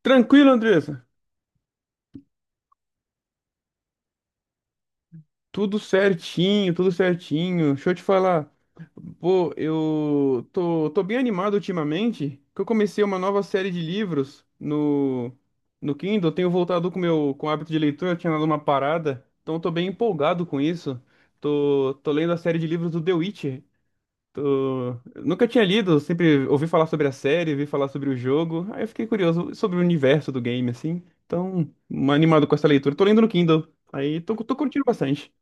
Tranquilo, Andressa. Tudo certinho, tudo certinho. Deixa eu te falar. Pô, eu tô bem animado ultimamente, que eu comecei uma nova série de livros no Kindle. Eu tenho voltado com o meu com o hábito de leitura, eu tinha dado uma parada. Então eu tô bem empolgado com isso. Tô lendo a série de livros do The Witcher. Nunca tinha lido, sempre ouvi falar sobre a série, ouvi falar sobre o jogo. Aí eu fiquei curioso sobre o universo do game, assim. Então, animado com essa leitura. Tô lendo no Kindle. Aí tô curtindo bastante.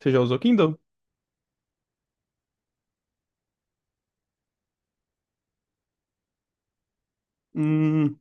Você já usou Kindle? Hum.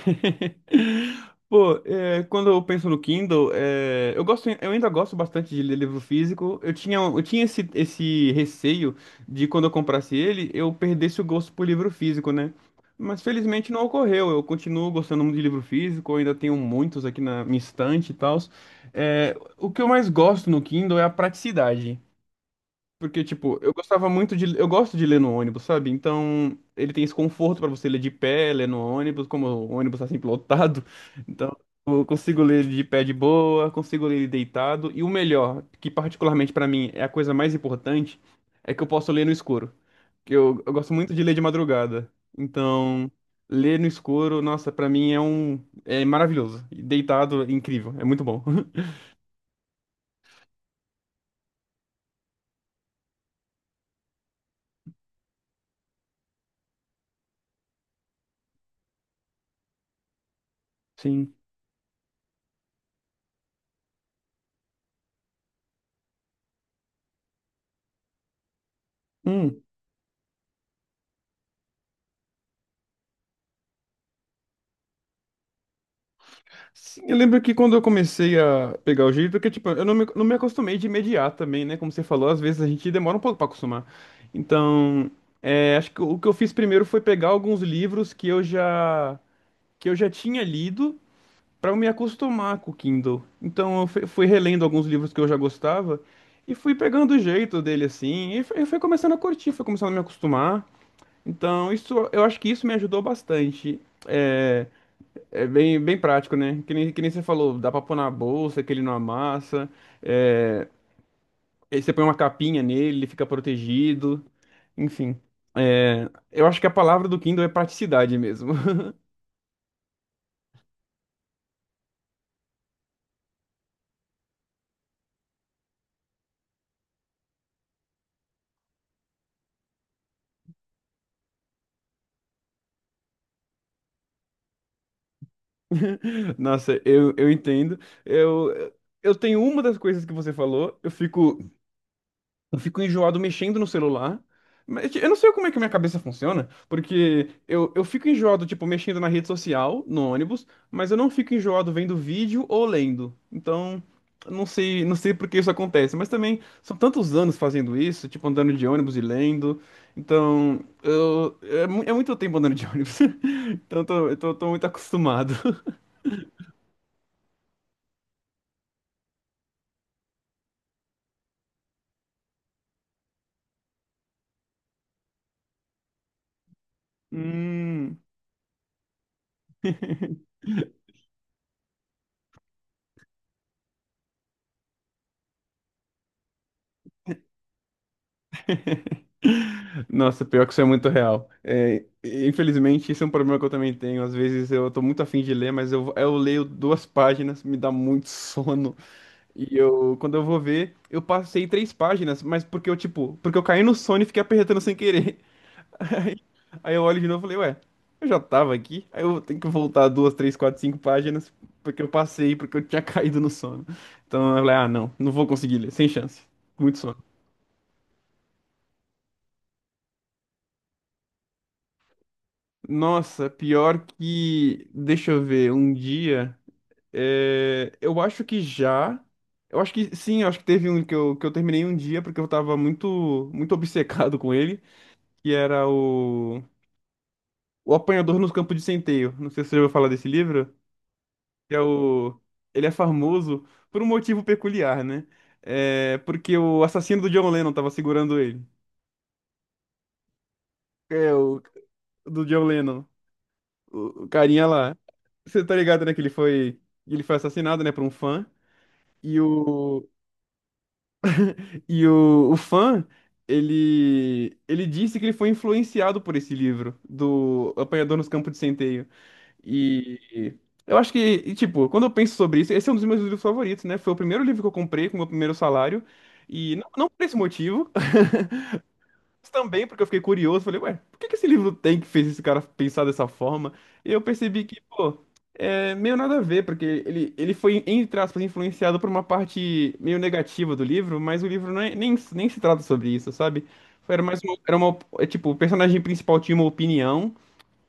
Pô, é, quando eu penso no Kindle, é, eu gosto, eu ainda gosto bastante de ler livro físico. Eu tinha esse receio de quando eu comprasse ele, eu perdesse o gosto por livro físico, né? Mas felizmente não ocorreu. Eu continuo gostando muito de livro físico, eu ainda tenho muitos aqui na minha estante e tal. O que eu mais gosto no Kindle é a praticidade. Porque, tipo, eu gostava muito de. Eu gosto de ler no ônibus, sabe? Então, ele tem esse conforto pra você ler de pé, ler no ônibus, como o ônibus tá sempre lotado. Então, eu consigo ler de pé de boa, consigo ler deitado. E o melhor, que particularmente pra mim é a coisa mais importante, é que eu posso ler no escuro. Que eu gosto muito de ler de madrugada. Então, ler no escuro, nossa, pra mim é um. É maravilhoso. E deitado, é incrível. É muito bom. Sim. Hum. Sim, eu lembro que quando eu comecei a pegar o jeito, porque, tipo, eu não me acostumei de imediato também, né? Como você falou, às vezes a gente demora um pouco pra acostumar. Então, é, acho que o que eu fiz primeiro foi pegar alguns livros que eu já tinha lido pra eu me acostumar com o Kindle. Então, eu fui relendo alguns livros que eu já gostava e fui pegando o jeito dele, assim, e foi começando a curtir, foi começando a me acostumar. Então, isso, eu acho que isso me ajudou bastante. É, é bem prático, né? Que nem você falou, dá pra pôr na bolsa, que ele não amassa. É... Aí você põe uma capinha nele, ele fica protegido. Enfim, é, eu acho que a palavra do Kindle é praticidade mesmo. Nossa, eu entendo. Eu, eu tenho uma das coisas que você falou, eu fico eu fico enjoado mexendo no celular. Mas tipo, eu não sei como é que a minha cabeça funciona, porque eu fico enjoado, tipo, mexendo na rede social, no ônibus, mas eu não fico enjoado vendo vídeo ou lendo. Então, eu não sei, não sei por que isso acontece, mas também são tantos anos fazendo isso, tipo, andando de ônibus e lendo. Então, eu, é, é muito tempo andando de ônibus. Então, eu tô muito acostumado. Hum. Nossa, pior que isso é muito real. É, infelizmente, isso é um problema que eu também tenho. Às vezes eu tô muito afim de ler, mas eu leio duas páginas, me dá muito sono. E eu, quando eu vou ver, eu passei três páginas, mas porque eu, tipo, porque eu caí no sono e fiquei apertando sem querer. Aí, eu olho de novo e falei, ué, eu já tava aqui. Aí eu tenho que voltar duas, três, quatro, cinco páginas, porque eu passei, porque eu tinha caído no sono. Então eu falei, ah, não, vou conseguir ler, sem chance. Muito sono. Nossa, pior que. Deixa eu ver, um dia. É, eu acho que já. Eu acho que sim, eu acho que teve um que eu terminei um dia porque eu tava muito obcecado com ele, que era o. O Apanhador no Campo de Centeio. Não sei se você já ouviu falar desse livro, que é o. Ele é famoso por um motivo peculiar, né? É porque o assassino do John Lennon tava segurando ele. É, o do John Lennon. O carinha lá. Você tá ligado, né? Que ele foi assassinado, né, por um fã. E o fã, ele disse que ele foi influenciado por esse livro, do Apanhador nos Campos de Centeio. E eu acho que, e, tipo, quando eu penso sobre isso, esse é um dos meus livros favoritos, né? Foi o primeiro livro que eu comprei com o meu primeiro salário. E não, por esse motivo, mas também, porque eu fiquei curioso, falei, ué, por que que esse livro tem que fez esse cara pensar dessa forma? E eu percebi que, pô, é meio nada a ver, porque ele foi, entre aspas, influenciado por uma parte meio negativa do livro, mas o livro nem se trata sobre isso, sabe? Era mais uma, era uma, é, tipo, o personagem principal tinha uma opinião,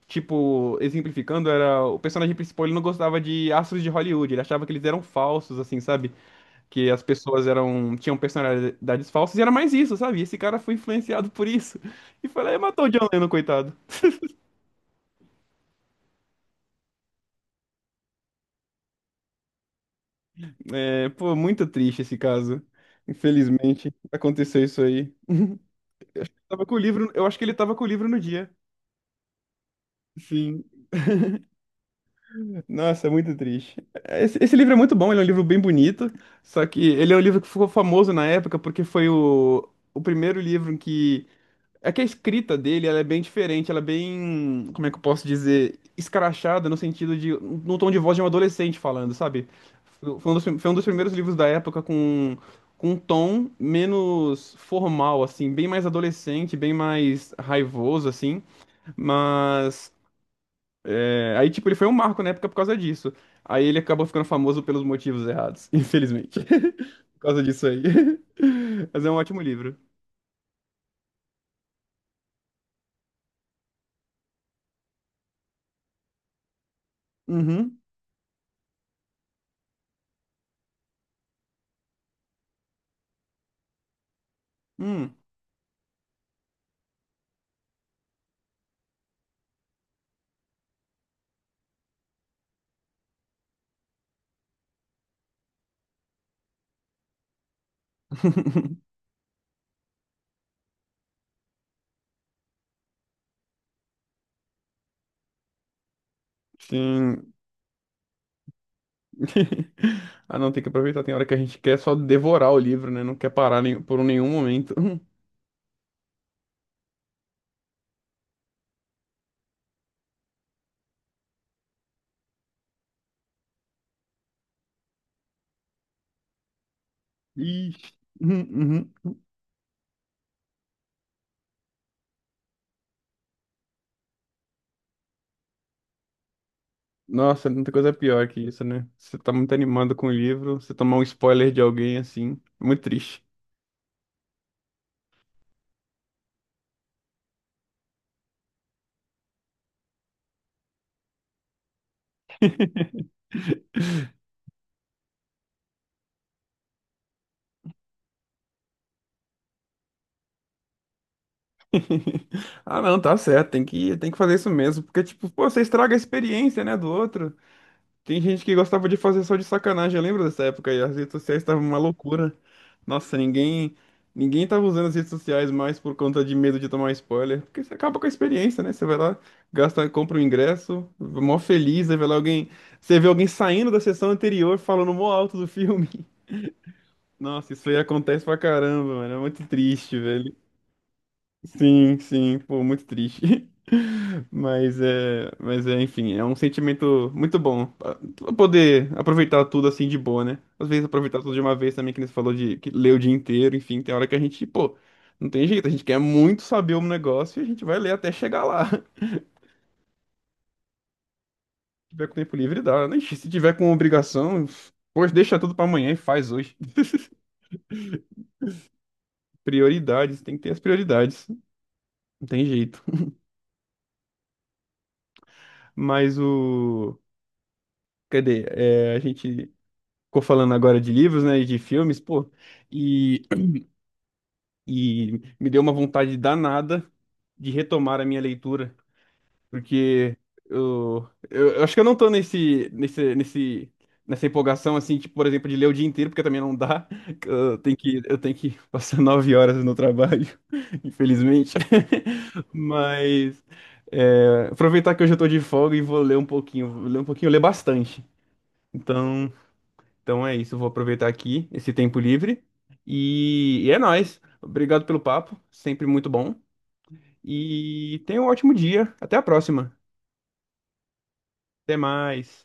tipo, exemplificando, era, o personagem principal, ele não gostava de astros de Hollywood, ele achava que eles eram falsos, assim, sabe? Que as pessoas eram tinham personalidades falsas e era mais isso, sabe? Esse cara foi influenciado por isso e foi lá e matou o John Lennon, coitado. É, pô, muito triste esse caso. Infelizmente, aconteceu isso aí. Tava com o livro, eu acho que ele tava com o livro no dia. Sim. Nossa, é muito triste. Esse livro é muito bom, ele é um livro bem bonito, só que ele é um livro que ficou famoso na época porque foi o primeiro livro que é que a escrita dele, ela é bem diferente, ela é bem, como é que eu posso dizer, escrachada no sentido de, no tom de voz de um adolescente falando, sabe? Foi um dos, foi um dos primeiros livros da época com um tom menos formal, assim, bem mais adolescente, bem mais raivoso, assim, mas, é, aí, tipo, ele foi um marco na época por causa disso. Aí ele acabou ficando famoso pelos motivos errados, infelizmente, por causa disso aí. Mas é um ótimo livro. Uhum. Hum. Sim. Ah, não, tem que aproveitar. Tem hora que a gente quer só devorar o livro, né? Não quer parar por nenhum momento. Ixi. Uhum, uhum. Nossa, muita coisa pior que isso, né? Você tá muito animado com o livro, você tomar um spoiler de alguém assim, é muito triste. Ah, não, tá certo, tem que fazer isso mesmo, porque, tipo, pô, você estraga a experiência, né, do outro. Tem gente que gostava de fazer só de sacanagem, eu lembro dessa época aí, as redes sociais estavam uma loucura. Nossa, ninguém tava usando as redes sociais mais por conta de medo de tomar spoiler, porque você acaba com a experiência, né? Você vai lá, gasta, compra o ingresso, mó feliz, aí vai lá alguém, você vê alguém saindo da sessão anterior falando mó alto do filme. Nossa, isso aí acontece pra caramba, mano, é muito triste, velho. Sim, pô, muito triste. Mas é, enfim, é um sentimento muito bom pra poder aproveitar tudo assim de boa, né? Às vezes aproveitar tudo de uma vez também, que nem você falou de que ler o dia inteiro, enfim, tem hora que a gente, pô, não tem jeito, a gente quer muito saber um negócio e a gente vai ler até chegar lá. Se tiver com tempo livre, dá. Né? Ixi, se tiver com obrigação, poxa, deixa tudo pra amanhã e faz hoje. Prioridades, tem que ter as prioridades, não tem jeito. Mas o cadê? É, a gente ficou falando agora de livros, né, e de filmes, pô, e, e me deu uma vontade danada de retomar a minha leitura, porque eu acho que eu não tô nessa empolgação, assim, tipo, por exemplo, de ler o dia inteiro, porque também não dá, que eu tenho que passar 9 horas no trabalho, infelizmente, mas é, aproveitar que hoje eu tô de folga e vou ler um pouquinho, vou ler um pouquinho, ler bastante, então... Então é isso, vou aproveitar aqui esse tempo livre. E é nóis. Obrigado pelo papo, sempre muito bom. E tenha um ótimo dia. Até a próxima. Até mais.